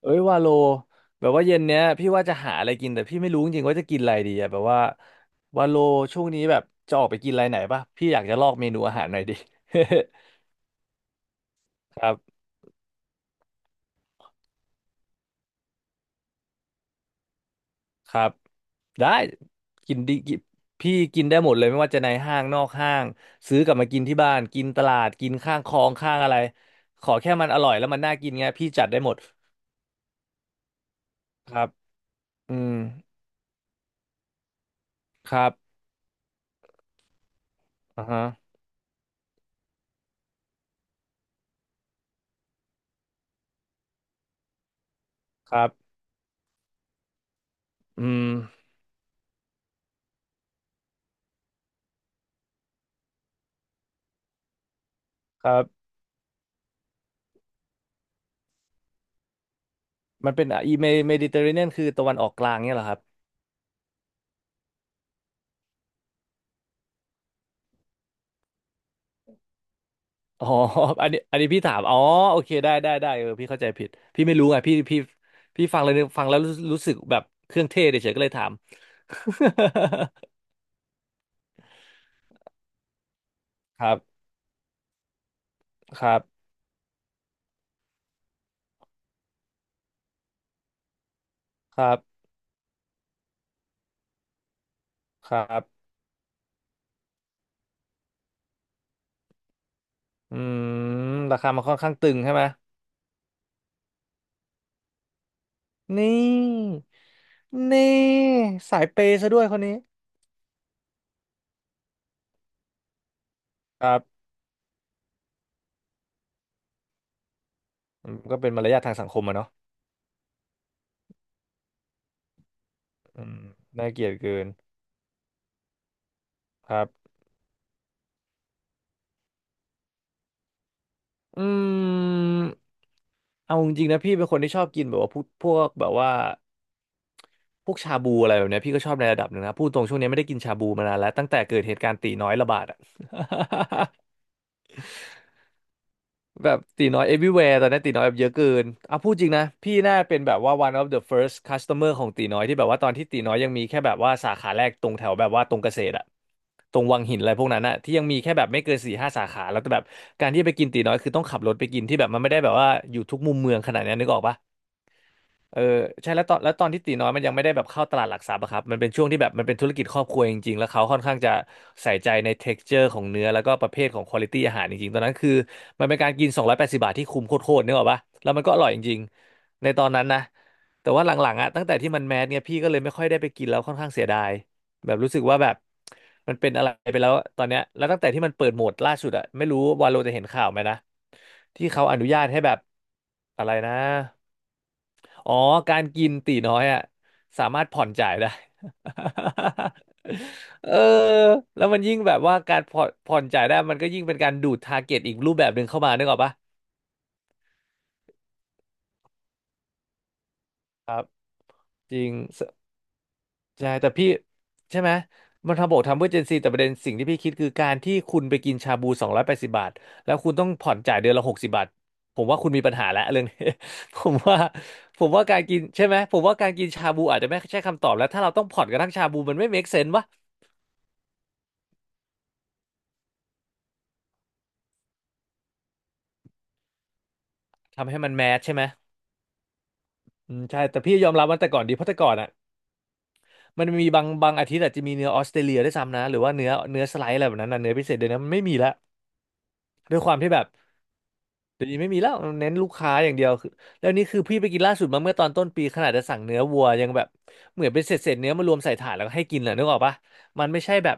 เอ้ยวาโลแบบว่าเย็นเนี้ยพี่ว่าจะหาอะไรกินแต่พี่ไม่รู้จริงๆว่าจะกินอะไรดีอะแบบว่าวาโลช่วงนี้แบบจะออกไปกินอะไรไหนป่ะพี่อยากจะลอกเมนูอาหารหน่อยดิ ครับครับได้กินพี่กินได้หมดเลยไม่ว่าจะในห้างนอกห้างซื้อกลับมากินที่บ้านกินตลาดกินข้างคลองข้างอะไรขอแค่มันอร่อยแล้วมันน่ากินไงพี่จัดได้หมดครับอืมครับอ่าฮะครับอืมครับมันเป็นมดิเตอร์เรเนียนคือตะวันออกกลางเนี่ยเหรอครับ อ๋อ อันนี้พี่ถาม อ๋อโอเคได้เออพี่เข้าใจผิด พี่ไม่รู้ไงพี่ฟังเลยฟังแล้วรู้สึกแบบเครื่องเทศเฉยๆก็เลยถาม ครับครับครับครับ อืมราคามันค่อนข้างตึงใช่ไหม นี่นี่สายเปย์ซะด้วยคนนี้ครับอืมก็เป็นมารยาททางสังคมอะเนาะอืมน่าเกลียดเกินครับอืมเอาจริงๆนะพี่เป็นคนที่ชอบกินแบบว่าพวกแบบว่า พวกชาบูอะไรแบบเนี้ยพี่ก็ชอบในระดับหนึ่งนะพูดตรงช่วงนี้ไม่ได้กินชาบูมานานแล้วตั้งแต่เกิดเหตุการณ์ตีน้อยระบาดอะ แบบตีน้อย everywhere ตอนนี้ตีน้อยแบบเยอะเกินอ่ะพูดจริงนะพี่น่าเป็นแบบว่า one of the first customer ของตีน้อยที่แบบว่าตอนที่ตีน้อยยังมีแค่แบบว่าสาขาแรกตรงแถวแบบว่าตรงเกษตรอะตรงวังหินอะไรพวกนั้นอะที่ยังมีแค่แบบไม่เกินสี่ห้าสาขาแล้วก็แบบการที่จะไปกินตีน้อยคือต้องขับรถไปกินที่แบบมันไม่ได้แบบว่าอยู่ทุกมุมเมืองขนาดนี้นึกออกปะ เออใช่แล้วตอนที่ตีน้อยมันยังไม่ได้แบบเข้าตลาดหลักทรัพย์อะครับมันเป็นช่วงที่แบบมันเป็นธุรกิจครอบครัวจริงๆแล้วเขาค่อนข้างจะใส่ใจใน texture ของเนื้อแล้วก็ประเภทของ quality อาหารจริงๆตอนนั้นคือมันเป็นการกิน280บบาทที่คุ้มโคตรๆนึกออกปะแล้วมันก็อร่อยจริงๆในตอนนั้นนะแต่ว่าหลังๆอะตั้งแต่ที่มันแมสเนี่ยพี่ก็เลยไม่ค่อยได้ไปกินแล้วค่อนข้างเสียดายแบบรู้สึกว่าแบบมันเป็นอะไรไปแล้วตอนเนี้ยแล้วตั้งแต่ที่มันเปิดโหมดล่าสุดอะไม่รู้วาโลจะเห็นข่าวไหมนะที่เขาอนุญาตให้แบบอะไรนะ อ๋อการกินตีน้อยอ่ะสามารถผ่อนจ่ายได้ เออแล้วมันยิ่งแบบว่าการผ่อนจ่ายได้มันก็ยิ่งเป็นการดูดทาร์เก็ตอีกรูปแบบหนึ่งเข้ามานึกออกปะครับจริงสใช่แต่พี่ใช่ไหมมันทำบอกทำเพื่อเจนซีแต่ประเด็นสิ่งที่พี่คิดคือการที่คุณไปกินชาบูสองร้อยแปดสิบบาทแล้วคุณต้องผ่อนจ่ายเดือนละหกสิบบาทผมว่าคุณมีปัญหาแล้วเรื่อง นี้ ผมว่าผมว่าการกินใช่ไหมผมว่าการกินชาบูอาจจะไม่ใช่คำตอบแล้วถ้าเราต้องผ่อนกระทั่งชาบูมันไม่ make sense วะ ทำให้มันแมสใช่ไหมอืมใช่แต่พี่ยอมรับว่าแต่ก่อนดีเพราะแต่ก่อนอ่ะมันมีบางอาทิตย์อาจจะมีเนื้อออสเตรเลียด้วยซ้ำนะหรือว่าเนื้อสไลด์อะไรแบบนั้นนะเนื้อพิเศษเดี๋ยวนี้มันไม่มีละด้วยความที่แบบเดี๋ยวนี้ไม่มีแล้วเน้นลูกค้าอย่างเดียวคือแล้วนี่คือพี่ไปกินล่าสุดมาเมื่อตอนต้นปีขนาดจะสั่งเนื้อวัวยังแบบเหมือนเป็นเศษเศษเนื้อมารวมใส่ถาดแล้วก็ให้กินน่ะนึกออกปะมันไม่ใช่แบบ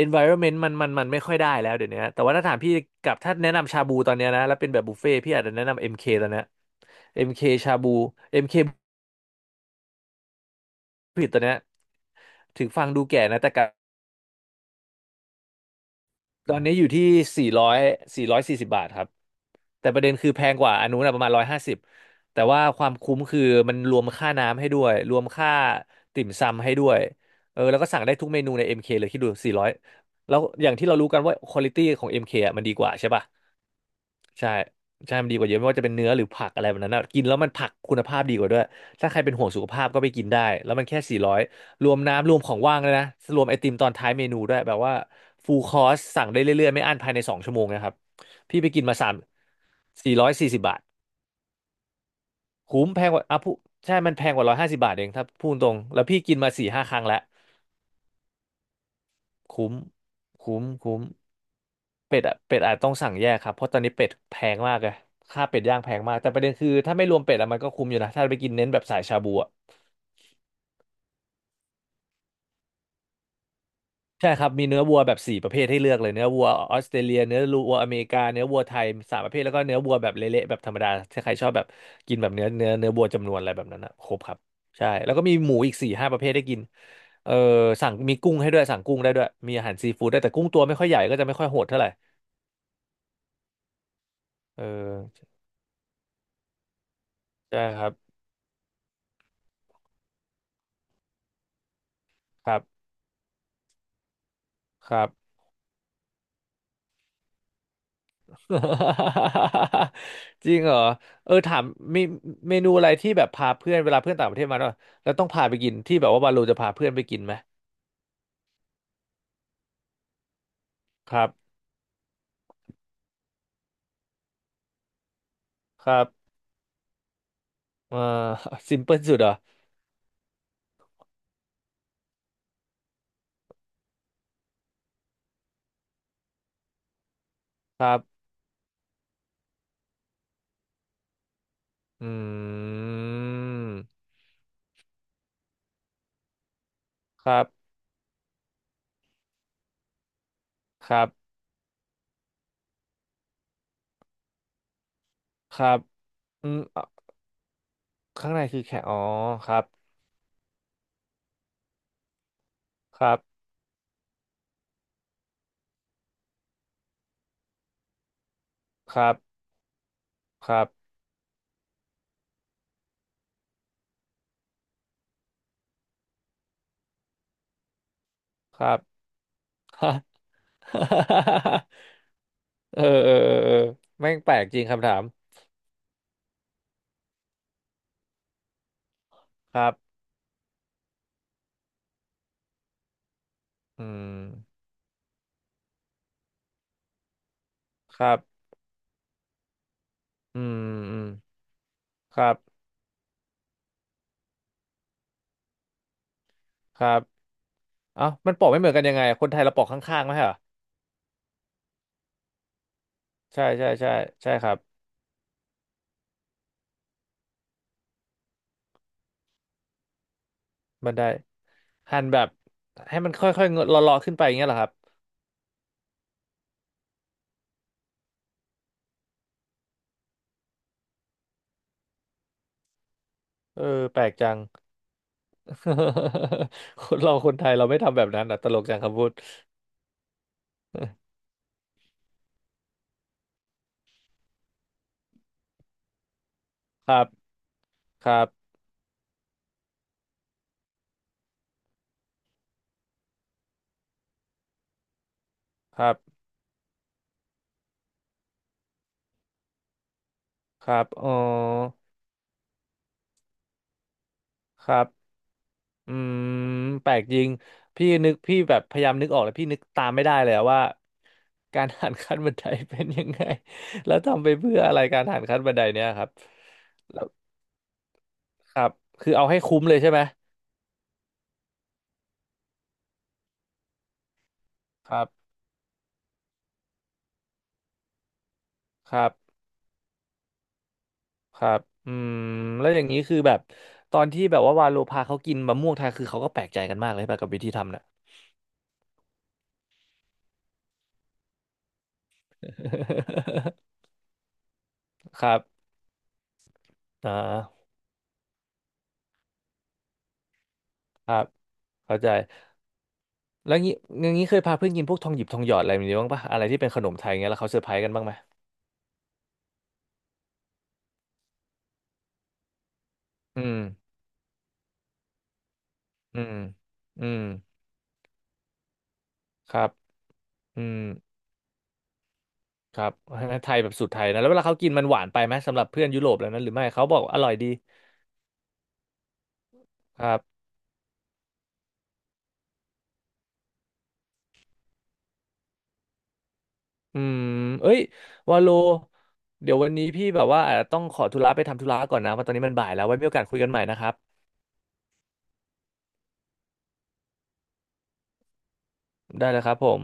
environment มันไม่ค่อยได้แล้วเดี๋ยวนี้แต่ว่าถ้าถามพี่กับถ้าแนะนำชาบูตอนเนี้ยนะแล้วเป็นแบบบุฟเฟ่ต์พี่อาจจะแนะนำเอ็มเคตอนเนี้ยเอ็มเคชาบูเอ็มเค ผลิตตัวเนี้ยถึงฟังดูแก่นะแต่กับตอนนี้อยู่ที่สี่ร้อยสี่ร้อยสี่สิบบาทครับแต่ประเด็นคือแพงกว่าอันนู้นนะประมาณร้อยห้าสิบแต่ว่าความคุ้มคือมันรวมค่าน้ำให้ด้วยรวมค่าติ่มซำให้ด้วยเออแล้วก็สั่งได้ทุกเมนูใน MK เคเลยคิดดูสี่ร้อยแล้วอย่างที่เรารู้กันว่าควอลิตี้ของ MK อมเคอ่ะมันดีกว่าใช่ป่ะ ใช่มันดีกว่าเยอะไม่ว่าจะเป็นเนื้อหรือผักอะไรแบบนั้นนะกินแล้วมันผักคุณภาพดีกว่าด้วยถ้าใครเป็นห่วงสุขภาพก็ไปกินได้แล้วมันแค่สี่ร้อยรวมน้ำรวมของว่างเลยนะรวมไอติมตอนท้ายเมนูด้วยแบบว่าฟูลคอร์สสั่งได้เรื่อยๆไม่อั้นภายในสองชั่วโมงนะครับพี่ไปกินมาสามสี่ร้อยสี่สิบบาทคุ้มแพงกว่าอ่ะพูใช่มันแพงกว่าร้อยห้าสิบบาทเองถ้าพูดตรงแล้วพี่กินมาสี่ห้าครั้งแล้ว คุ้มคุ้มเป็ดอะเป็ดอาจต้องสั่งแยกครับเพราะตอนนี้เป็ดแพงมากเลยค่าเป็ดย่างแพงมากแต่ประเด็นคือถ้าไม่รวมเป็ดอะมันก็คุ้มอยู่นะถ้าไปกินเน้นแบบสายชาบูอะใช่ครับมีเนื้อวัวแบบสี่ประเภทให้เลือกเลยเนื้อวัวออสเตรเลียเนื้อวัวอเมริกาเนื้อวัวไทยสามประเภทแล้วก็เนื้อวัวแบบเละๆแบบธรรมดาถ้าใครชอบแบบกินแบบเนื้อวัวจำนวนอะไรแบบนั้นนะครบครับใช่แล้วก็มีหมูอีกสี่ห้าประเภทให้กินเออสั่งมีกุ้งให้ด้วยสั่งกุ้งได้ด้วยมีอาหารซีฟู้ดได้แต่กุ้งตัวไม่ค่อยใหญ่ก็จะไม่ค่อยโหดเท่าไหร่เออใช่ครับ ครับครับ จริงเหรอเออถามมีเมนูอะไรที่แบบพาเพื่อนเวลาเพื่อนต่างประเทศมาเนอะแล้วต้องพาไปกินที่แบบว่าวาโลจะพาเพื่อนไปกินไหมครับครับเออ ซิมเพิลสุดเหรออืมครับครับครับอืมอ่ะข้างในคือแค่อ๋อครับครับครับครับครับ เออเออเออเออแม่งแปลกจริงคำถามครับอืมครับ อืมอืมครับครับเอ้ามันปอกไม่เหมือนกันยังไงคนไทยเราปอกข้างๆไหมเหรอใช่ใช่ใช่ใช่ครับมันได้หั่นแบบให้มันค่อยๆเงอะเลาะๆขึ้นไปอย่างเงี้ยเหรอครับเออแปลกจัง คนเราคนไทยเราไม่ทำแบบนั้นอ่ะตลกจังคำพูด ครับครับครับครับอ๋อครับ อืมแปลกจริงพี่นึกพี่แบบพยายามนึกออกแล้วพี่นึกตามไม่ได้เลยอะว่าการหันขั้นบันไดเป็นยังไง แล้วทำไปเพื่ออะไรการหันขั้นบันไดเนี่ยครับแล้วครับคือเอาให้คุ้มเลยใช่ไหมครับครับครับอืมแล้วอย่างนี้คือแบบตอนที่แบบว่าวาโลพาเขากินมะม่วงไทยคือเขาก็แปลกใจกันมากเลยแบบกับวิธีทำน่ะ ครับอ่าครับเข้าใจ แล้วงี้อย่างงี้เคยพาเพื่อนกินพวกทองหยิบทองหยอดอะไรแบบนี้บ้างปะอะไรที่เป็นขนมไทยเงี้ยแล้วเขาเซอร์ไพรส์กันบ้างไหมอืมอืมอืมครับอืมครับไทยแบบสูตรไทยนะแล้วเวลาเขากินมันหวานไปไหมสำหรับเพื่อนยุโรปแล้วนั้นหรือไม่เขาบอกอร่อยดีครับอืมเอ้ยวาโลเดี๋ยววันนี้พี่แบบว่าอาจจะต้องขอธุระไปทำธุระก่อนนะว่าะตอนนี้มันบ่ายแล้วไว้มีโอกาสคุยกันใหม่นะครับได้เลยครับผม